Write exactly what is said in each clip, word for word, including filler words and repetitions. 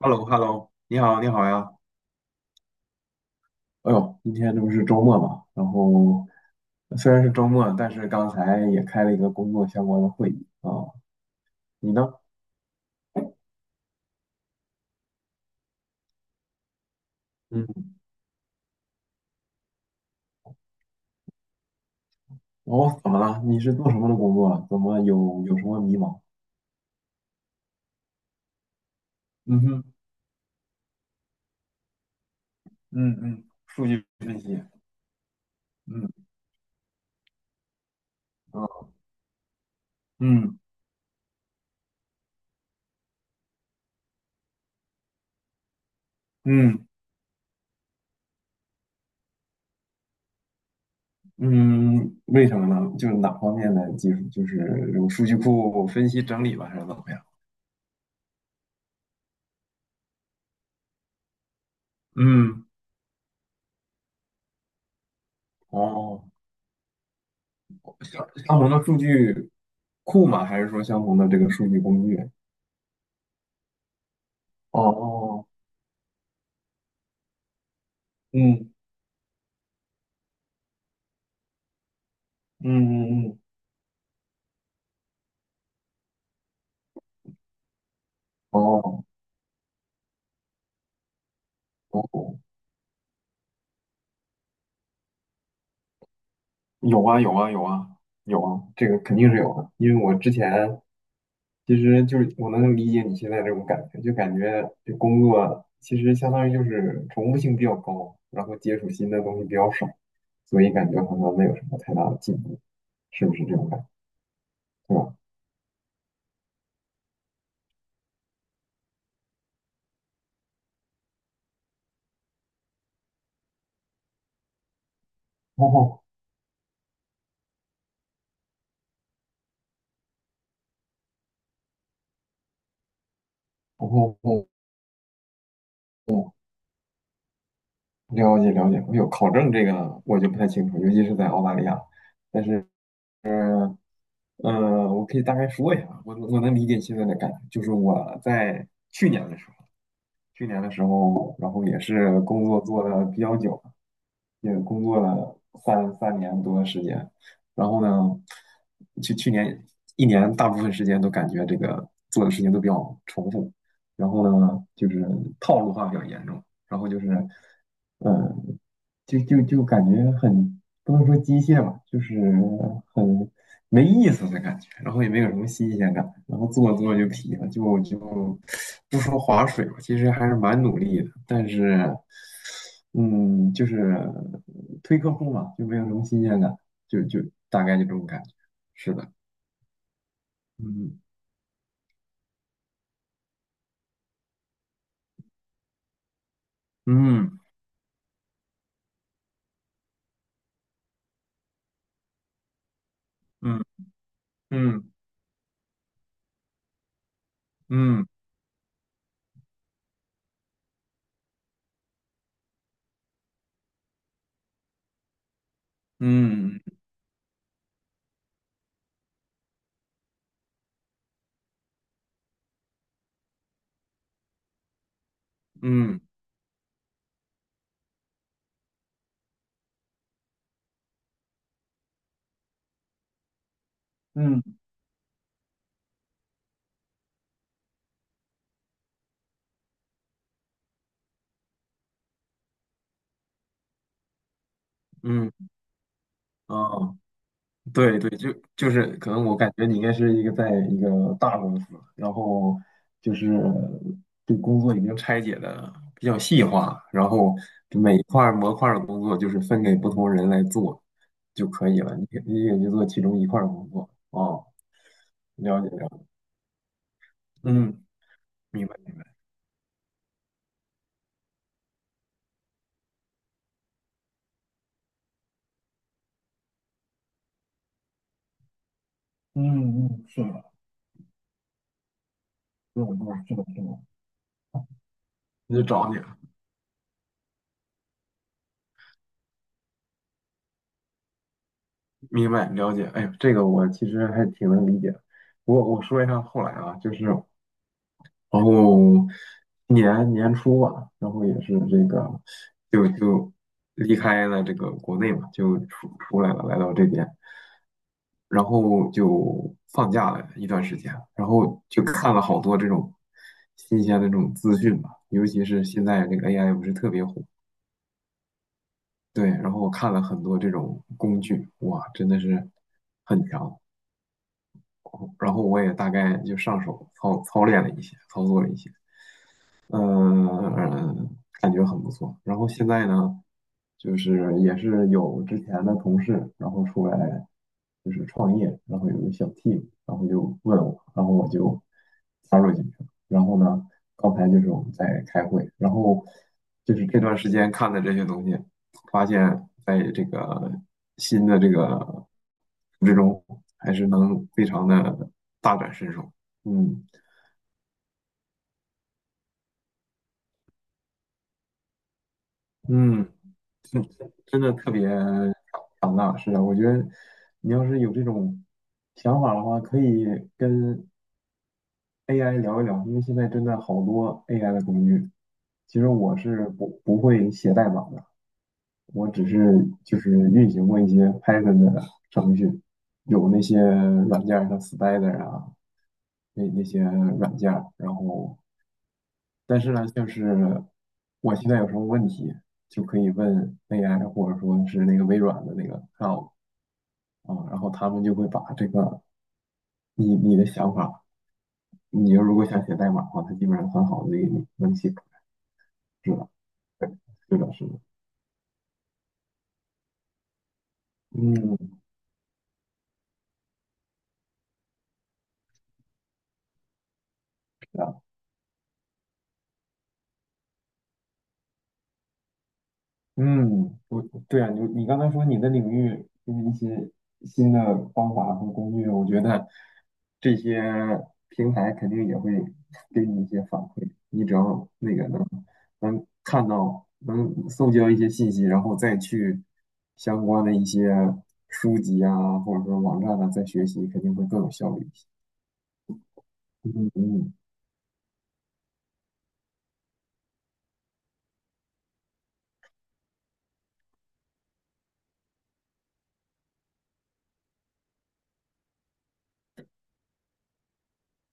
h e l l o h e l l o 你好，你好呀。哎呦，今天这不是周末嘛，然后虽然是周末，但是刚才也开了一个工作相关的会议啊。你呢？嗯，哦，怎么了？你是做什么的工作啊？怎么有有什么迷茫？嗯哼，嗯嗯，数据分析。嗯啊，嗯嗯嗯，为什么呢？就是哪方面的技术？就是这种数据库分析整理吧，还是怎么样？嗯，哦。相同的数据库吗？还是说相同的这个数据工具？哦，哦哦，嗯嗯嗯嗯，哦哦，有啊有啊有啊有啊，这个肯定是有的，因为我之前其实就是我能理解你现在这种感觉，就感觉这工作其实相当于就是重复性比较高，然后接触新的东西比较少，所以感觉好像没有什么太大的进步，是不是这种感觉？对吧？哦哦哦哦。哦了解了解，我有考证这个我就不太清楚，尤其是在澳大利亚。但是，呃，我可以大概说一下，我我能理解现在的感觉，就是我在去年的时候，去年的时候，然后也是工作做的比较久，也工作了三三年多的时间，然后呢，去去年一年大部分时间都感觉这个做的事情都比较重复，然后呢，就是套路化比较严重，然后就是，嗯，就就就感觉很不能说机械吧，就是很没意思的感觉，然后也没有什么新鲜感，然后做着做着就疲了，就就不说划水吧，其实还是蛮努力的，但是嗯，就是推客户嘛，就没有什么新鲜感，就就大概就这种感觉，是的，嗯嗯嗯嗯嗯嗯嗯嗯嗯嗯，哦。对对，就就是可能我感觉你应该是一个在一个大公司，然后就是对工作已经拆解的比较细化，然后就每一块儿模块儿的工作就是分给不同人来做就可以了，你也你也就做其中一块儿工作哦，了解了解，嗯，明白明白，嗯嗯，是的，是的，是的，是的。那就找你了。明白了解，哎呦，这个我其实还挺能理解，我我说一下后来啊，就是。然后年年初吧，然后也是这个，就就离开了这个国内嘛，就出出来了，来到这边，然后就放假了一段时间，然后就看了好多这种新鲜的这种资讯吧，尤其是现在这个 A I 不是特别火，对，然后我看了很多这种工具，哇，真的是很强，然后我也大概就上手操操练了一些，操作了一些。嗯，感觉很不错。然后现在呢，就是也是有之前的同事，然后出来就是创业，然后有个小 team，然后就问我，然后我就加入进去了。然后呢，刚才就是我们在开会，然后就是这段时间看的这些东西，发现在这个新的这个还是能非常的大展身手。嗯嗯，真真的特别。你要是有这种想法的话，可以跟 A I 聊一聊，因为现在真的好多 A I 的工具。其实我是不不会写代码的，我只是就是运行过一些 Python 的程序，有那些软件儿像 Spider 啊，那那些软件儿然后，但是呢，就是我现在有什么问题，就可以问 A I，或者说是那个微软的那个 c l a 啊，然后他们就会把这个你你的想法。你要如果想写代码的话，它基本上很好的给你能写出来。是的，对，是的，是的，嗯，是啊，嗯，我对啊，你你刚才说你的领域就是一些新的方法和工具，我觉得这些平台肯定也会给你一些反馈，你只要那个能能看到，能搜集到一些信息，然后再去相关的一些书籍啊，或者说网站啊，再学习，肯定会更有效率一些。嗯嗯，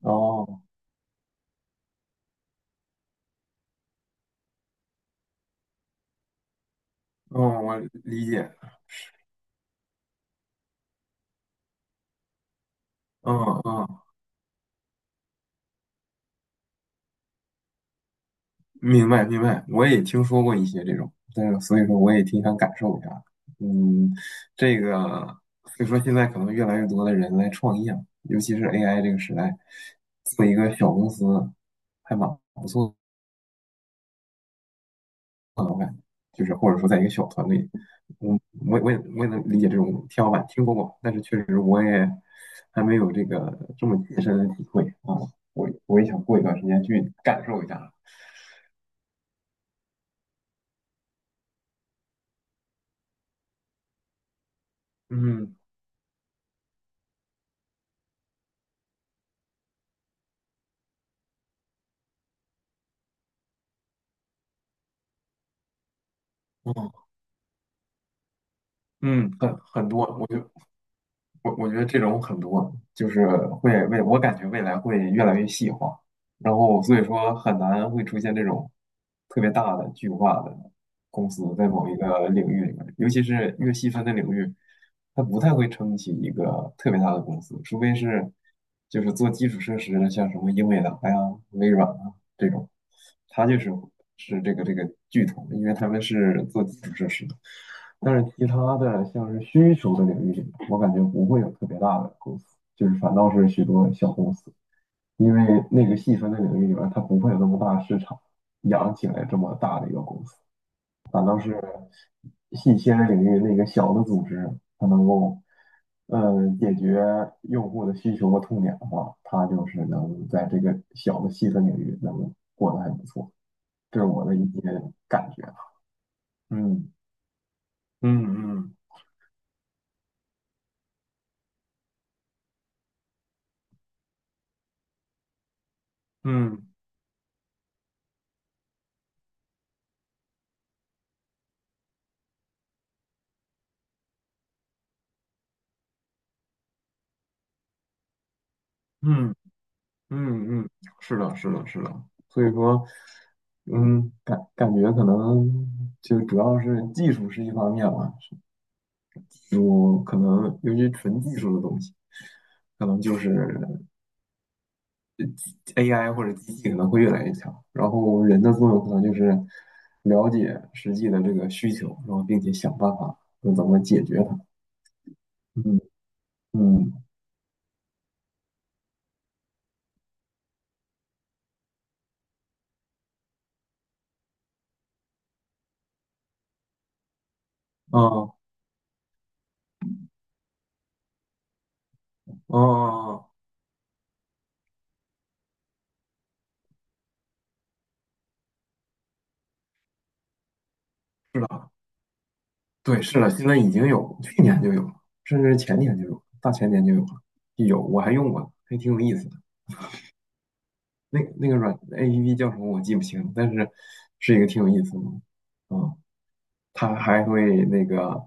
哦，嗯，我理解，嗯嗯，明白明白，我也听说过一些这种，但是所以说我也挺想感受一下，嗯，这个所以说现在可能越来越多的人来创业，尤其是 A I 这个时代，做一个小公司还蛮不错的，我感觉，就是或者说在一个小团队，我我我也我也能理解这种天花板，听说过，但是确实我也还没有这个这么切身的体会啊，我我也想过一段时间去感受一下。嗯，嗯嗯，很很多，我觉我我觉得这种很多，就是会未我感觉未来会越来越细化，然后所以说很难会出现这种特别大的巨化的公司在某一个领域里面，尤其是越细分的领域，它不太会撑起一个特别大的公司，除非是就是做基础设施的，像什么英伟达呀、微软啊这种。他就是是这个这个巨头，因为他们是做基础设施的。但是其他的像是需求的领域，我感觉不会有特别大的公司，就是反倒是许多小公司，因为那个细分的领域里边，它不会有那么大市场养起来这么大的一个公司。细切的领域那个小的组织，它能够呃解决用户的需求和痛点的话，它就是能在这个小的细分领域能过得还不错。这是我的一些感觉。嗯嗯嗯嗯嗯嗯嗯，是的，是的，是的。所以说，嗯，感感觉可能就主要是技术是一方面吧，我可能尤其纯技术的东西，可能就是 A I 或者机器可能会越来越强，然后人的作用可能就是了解实际的这个需求，然后并且想办法那怎么解决它。嗯嗯啊啊。对，是的，现在已经有，去年就有了，甚至前年就有了，大前年就有了，有，我还用过，还挺有意思的。那那个软 A P P 叫什么我记不清，但是是一个挺有意思的。嗯，它还会那个，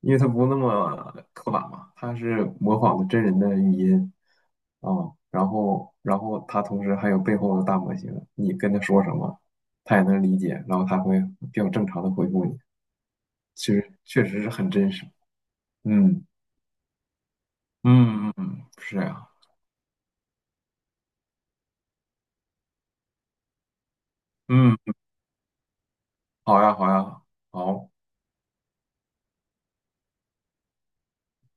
因为它不那么刻板嘛，它是模仿的真人的语音啊、然后然后它同时还有背后的大模型，你跟它说什么，它也能理解，然后它会比较正常的回复你，其实确实是很真实。嗯。嗯嗯嗯，是这样，嗯，好呀好呀，好，